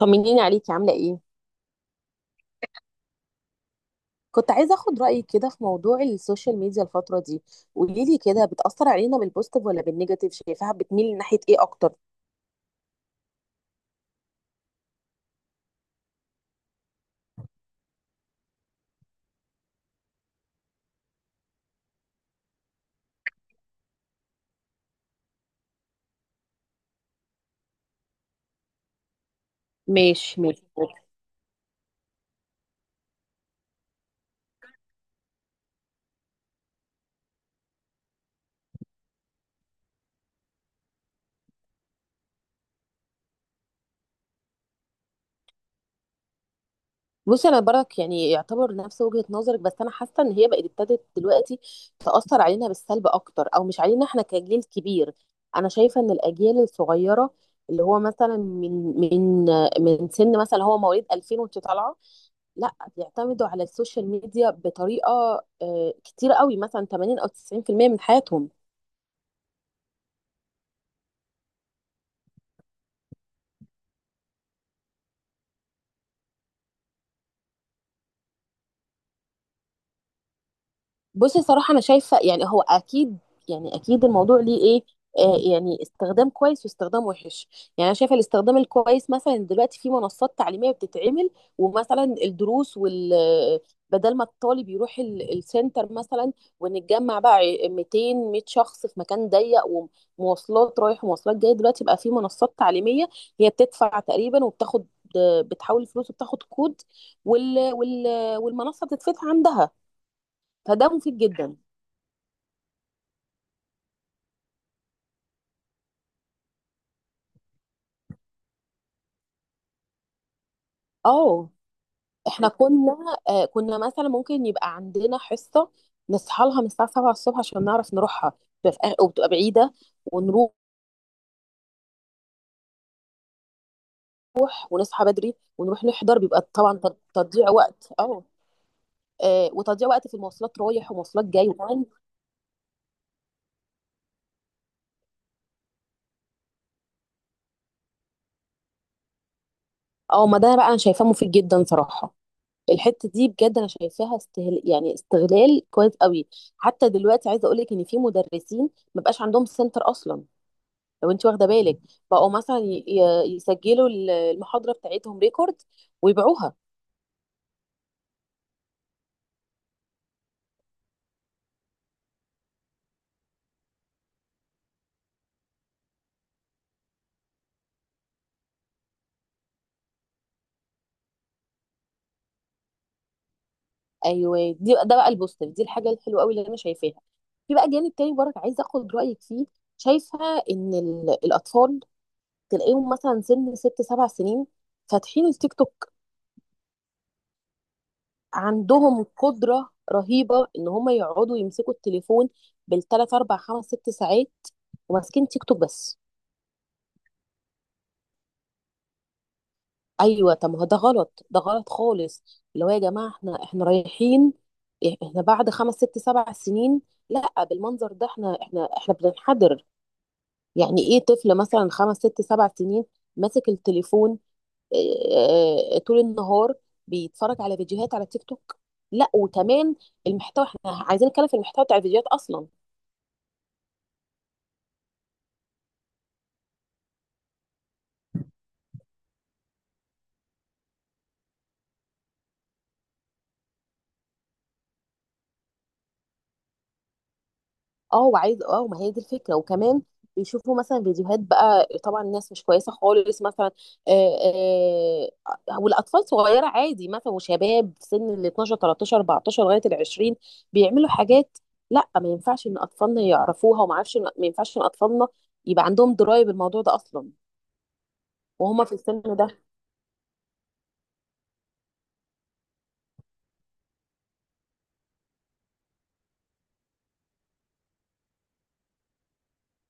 طمنيني عليكي عاملة ايه؟ كنت عايزة اخد رأيك كده في موضوع السوشيال ميديا الفترة دي. قولي لي كده، بتأثر علينا بالبوستيف ولا بالنيجاتيف؟ شايفاها بتميل ناحية ايه اكتر؟ ماشي، ماشي. بصي انا برك يعني يعتبر نفس وجهة نظرك، بس انا حاسة ان هي بقت ابتدت دلوقتي تأثر علينا بالسلب اكتر. او مش علينا احنا كجيل كبير، انا شايفة ان الاجيال الصغيرة اللي هو مثلا من سن مثلا هو مواليد 2000 وانت طالعة، لا بيعتمدوا على السوشيال ميديا بطريقه كتيره قوي، مثلا 80 او 90% من حياتهم. بصي صراحة أنا شايفة يعني هو أكيد، يعني أكيد الموضوع ليه إيه آه يعني استخدام كويس واستخدام وحش. يعني أنا شايفة الاستخدام الكويس مثلا دلوقتي في منصات تعليمية بتتعمل، ومثلا الدروس بدل ما الطالب يروح السنتر، مثلا ونتجمع بقى 200، 100 شخص في مكان ضيق، ومواصلات رايح ومواصلات جاية. دلوقتي بقى في منصات تعليمية، هي بتدفع تقريبا وبتاخد، بتحول الفلوس وبتاخد كود، وال... وال... والمنصة بتتفتح عندها، فده مفيد جدا. اه، احنا كنا، آه كنا مثلا ممكن يبقى عندنا حصة نصحى لها من الساعة 7 الصبح عشان نعرف نروحها، وبتبقى بعيدة ونروح، ونصحى بدري ونروح نحضر، بيبقى طبعا تضييع وقت. اه وتضييع وقت في المواصلات رايح ومواصلات جاي وكمان. اه، ما ده بقى انا شايفاه مفيد جدا صراحة. الحتة دي بجد انا شايفاها يعني استغلال كويس قوي. حتى دلوقتي عايزة اقول لك ان في مدرسين ما بقاش عندهم سنتر اصلا، لو انت واخده بالك، بقوا مثلا يسجلوا المحاضره بتاعتهم ريكورد ويبيعوها. ايوه، دي ده بقى البوستيف، دي الحاجه الحلوه قوي اللي انا شايفاها. في بقى جانب تاني برضه عايزه اخد رايك فيه. شايفه ان الاطفال تلاقيهم مثلا سن ست سبع سنين فاتحين التيك توك، عندهم قدره رهيبه ان هم يقعدوا يمسكوا التليفون بالثلاث اربع خمس ست ساعات، وماسكين تيك توك بس. ايوه، طب ما هو ده غلط، ده غلط خالص. اللي هو يا جماعه احنا رايحين، احنا بعد خمس ست سبع سنين، لا بالمنظر ده احنا بننحدر. يعني ايه طفل مثلا خمس ست سبع سنين ماسك التليفون، اه، طول النهار بيتفرج على فيديوهات على تيك توك؟ لا وكمان المحتوى، احنا عايزين نتكلم في المحتوى بتاع الفيديوهات اصلا. اه وعايز، اه ما هي دي الفكره. وكمان بيشوفوا مثلا فيديوهات، بقى طبعا الناس مش كويسه خالص، مثلا آه آه والاطفال صغيره عادي، مثلا وشباب في سن ال 12، 13، 14 لغايه ال 20 بيعملوا حاجات لا ما ينفعش ان اطفالنا يعرفوها، وما اعرفش ما ينفعش ان اطفالنا يبقى عندهم درايه بالموضوع ده اصلا وهما في السن ده.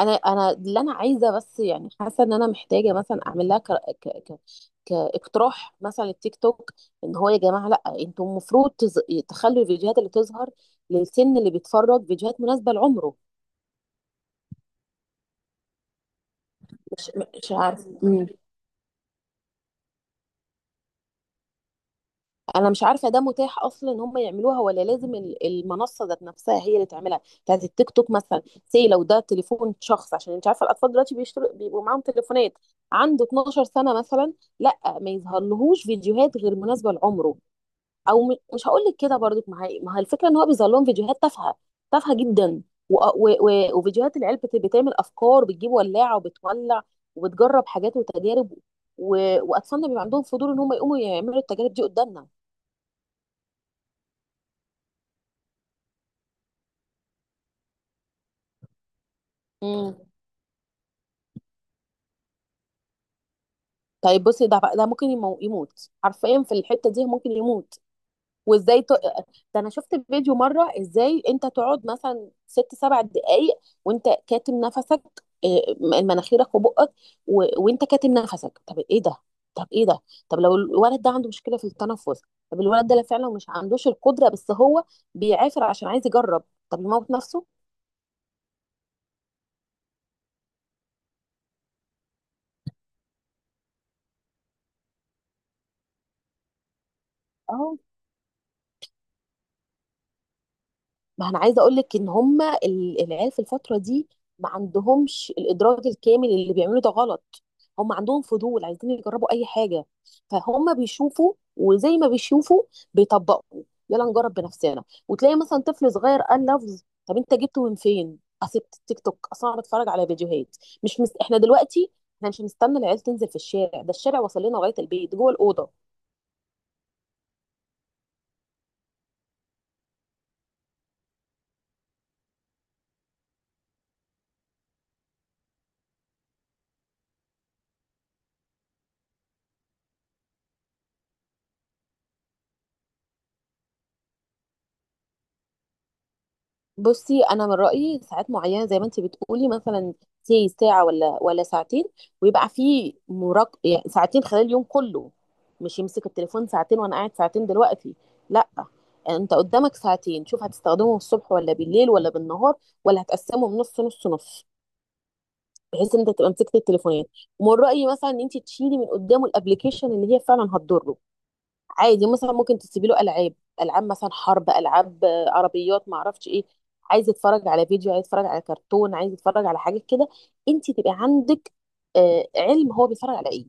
انا اللي انا عايزه، بس يعني حاسه ان انا محتاجه مثلا اعمل لها ك... ك... كاقتراح مثلا للتيك توك، ان هو يا جماعه لا، انتم المفروض تخلوا الفيديوهات اللي تظهر للسن اللي بيتفرج فيديوهات مناسبه لعمره. مش مش عارفه انا مش عارفه ده متاح اصلا ان هم يعملوها، ولا لازم المنصه ذات نفسها هي اللي تعملها، بتاعت التيك توك مثلا. سي لو ده تليفون شخص، عشان انت عارفه الاطفال دلوقتي بيشتروا، بيبقوا معاهم تليفونات، عنده 12 سنه مثلا، لا ما يظهرلهوش فيديوهات غير مناسبه لعمره. او مش هقول لك كده برضك، ما هي الفكره ان هو بيظهر لهم فيديوهات تافهه، تافهه جدا. وفيديوهات العيال بتعمل افكار، بتجيب ولاعه وبتولع وبتجرب حاجات وتجارب، و... واطفالنا بيبقى عندهم فضول ان هم يقوموا يعملوا التجارب دي قدامنا. مم. طيب بصي، ده ممكن يموت حرفيا. في الحته دي ممكن يموت. وازاي ده انا شفت فيديو مره، ازاي انت تقعد مثلا ست سبع دقائق وانت كاتم نفسك، مناخيرك وبقك، وانت كاتم نفسك. طب ايه ده؟ طب ايه ده؟ طب لو الولد ده عنده مشكله في التنفس؟ طب الولد ده لا، فعلا مش عندوش القدره، بس هو بيعافر عشان عايز يجرب. طب يموت نفسه؟ اه، ما انا عايزه اقول لك ان هم العيال في الفتره دي ما عندهمش الادراك الكامل اللي بيعملوا ده غلط. هم عندهم فضول، عايزين يجربوا اي حاجه. فهم بيشوفوا، وزي ما بيشوفوا بيطبقوا. يلا نجرب بنفسنا. وتلاقي مثلا طفل صغير قال لفظ، طب انت جبته من فين؟ اصل التيك توك، اصلا انا بتفرج على فيديوهات. مش مس... احنا دلوقتي احنا مش مستنى العيال تنزل في الشارع، ده الشارع وصل لنا لغايه البيت جوه الاوضه. بصي انا من رايي ساعات معينه، زي ما انت بتقولي مثلا سي ساعه ولا ساعتين، ويبقى في مراق. يعني ساعتين خلال اليوم كله، مش يمسك التليفون ساعتين وانا قاعد ساعتين دلوقتي، لا. انت قدامك ساعتين، شوف هتستخدمهم الصبح ولا بالليل ولا بالنهار، ولا هتقسمهم نص نص نص، بحيث ان انت تبقى مسكت التليفونات. ومن رايي مثلا ان انت تشيلي من قدامه الابلكيشن اللي هي فعلا هتضره. عادي مثلا ممكن تسيبي له العاب، العاب مثلا حرب، العاب عربيات، ما اعرفش ايه. عايز يتفرج على فيديو، عايز يتفرج على كرتون، عايز يتفرج على حاجه كده، انت تبقى عندك علم هو بيتفرج على ايه.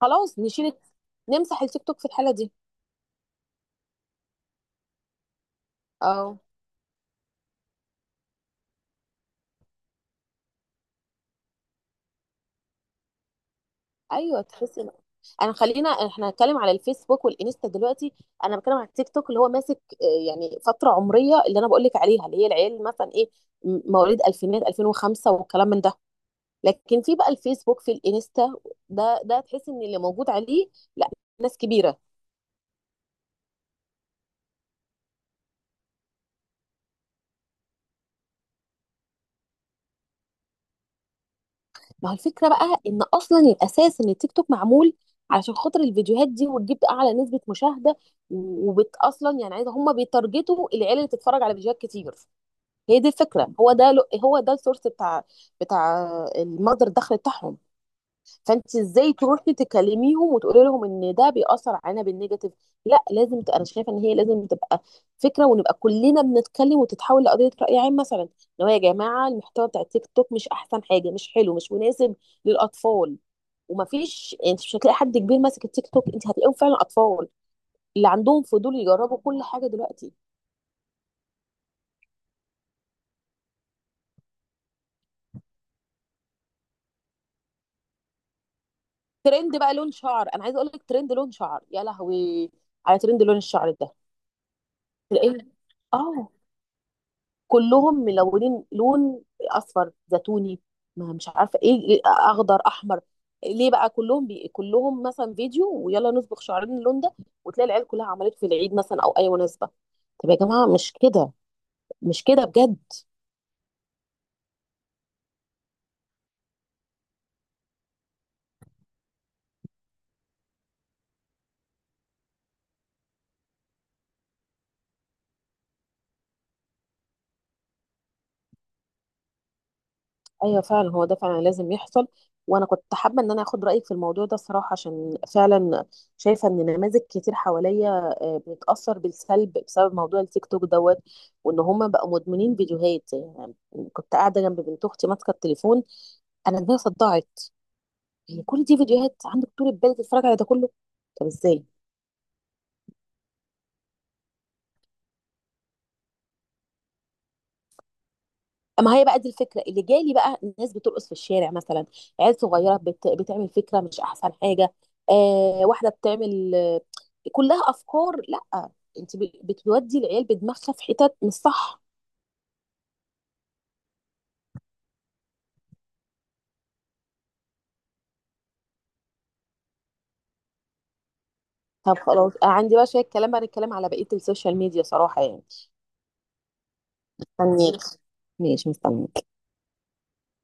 خلاص نشيل، نمسح التيك توك في الحاله دي. اه، ايوه، تحسي انا، خلينا احنا هنتكلم على الفيسبوك والانستا دلوقتي. انا بتكلم على التيك توك اللي هو ماسك يعني فتره عمريه اللي انا بقول لك عليها، اللي هي العيال مثلا ايه، مواليد الفينات 2005 والكلام من ده. لكن في بقى الفيسبوك في الانستا، ده تحس ان اللي موجود عليه لا، ناس كبيره. ما هو الفكره بقى ان اصلا الاساس ان التيك توك معمول علشان خاطر الفيديوهات دي، وتجيب اعلى نسبه مشاهده، وبت اصلا يعني عايزه، هم بيتارجتوا العيال اللي تتفرج على فيديوهات كتير. هي دي الفكره. هو ده السورس بتاع المصدر الدخل بتاعهم. فانت ازاي تروحي تكلميهم وتقولي لهم ان ده بيأثر علينا بالنيجاتيف؟ لا لازم انا شايفه ان هي لازم تبقى فكره، ونبقى كلنا بنتكلم وتتحول لقضيه رأي عام، مثلا ان هو يا جماعه المحتوى بتاع التيك توك مش احسن حاجه، مش حلو، مش مناسب للاطفال. ومفيش، انت مش هتلاقي حد كبير ماسك التيك توك، انت هتلاقيهم فعلا اطفال اللي عندهم فضول يجربوا كل حاجه دلوقتي. ترند بقى لون شعر، انا عايزه اقول لك، ترند لون شعر يا لهوي! على ترند لون الشعر ده تلاقيه، اه، كلهم ملونين، لون اصفر زيتوني، ما مش عارفه ايه اخضر احمر. ليه بقى كلهم كلهم مثلا فيديو ويلا نصبغ شعرنا اللون ده؟ وتلاقي العيال كلها عملت في العيد مثلا او اي مناسبه. طب يا جماعه مش كده، مش كده بجد. ايوه فعلا، هو ده فعلا لازم يحصل. وانا كنت حابه ان انا اخد رايك في الموضوع ده الصراحه، عشان فعلا شايفه ان نماذج كتير حواليا بتتاثر بالسلب بسبب موضوع التيك توك دوت، وان هم بقوا مدمنين فيديوهات يعني. كنت قاعده جنب بنت اختي ماسكه التليفون، انا دماغي صدعت. هي كل دي فيديوهات عندك؟ طول البال تتفرج على ده كله؟ طب ازاي؟ ما هي بقى دي الفكره اللي جالي بقى، الناس بترقص في الشارع مثلا، عيال صغيره بتعمل فكره مش احسن حاجه، واحده بتعمل كلها افكار لا. انت بتودي العيال بدماغها في حتت مش صح. طب خلاص، عندي بقى شويه كلام بعد الكلام على بقيه السوشيال ميديا صراحه يعني. مستنياك. ماشي، مستنياك.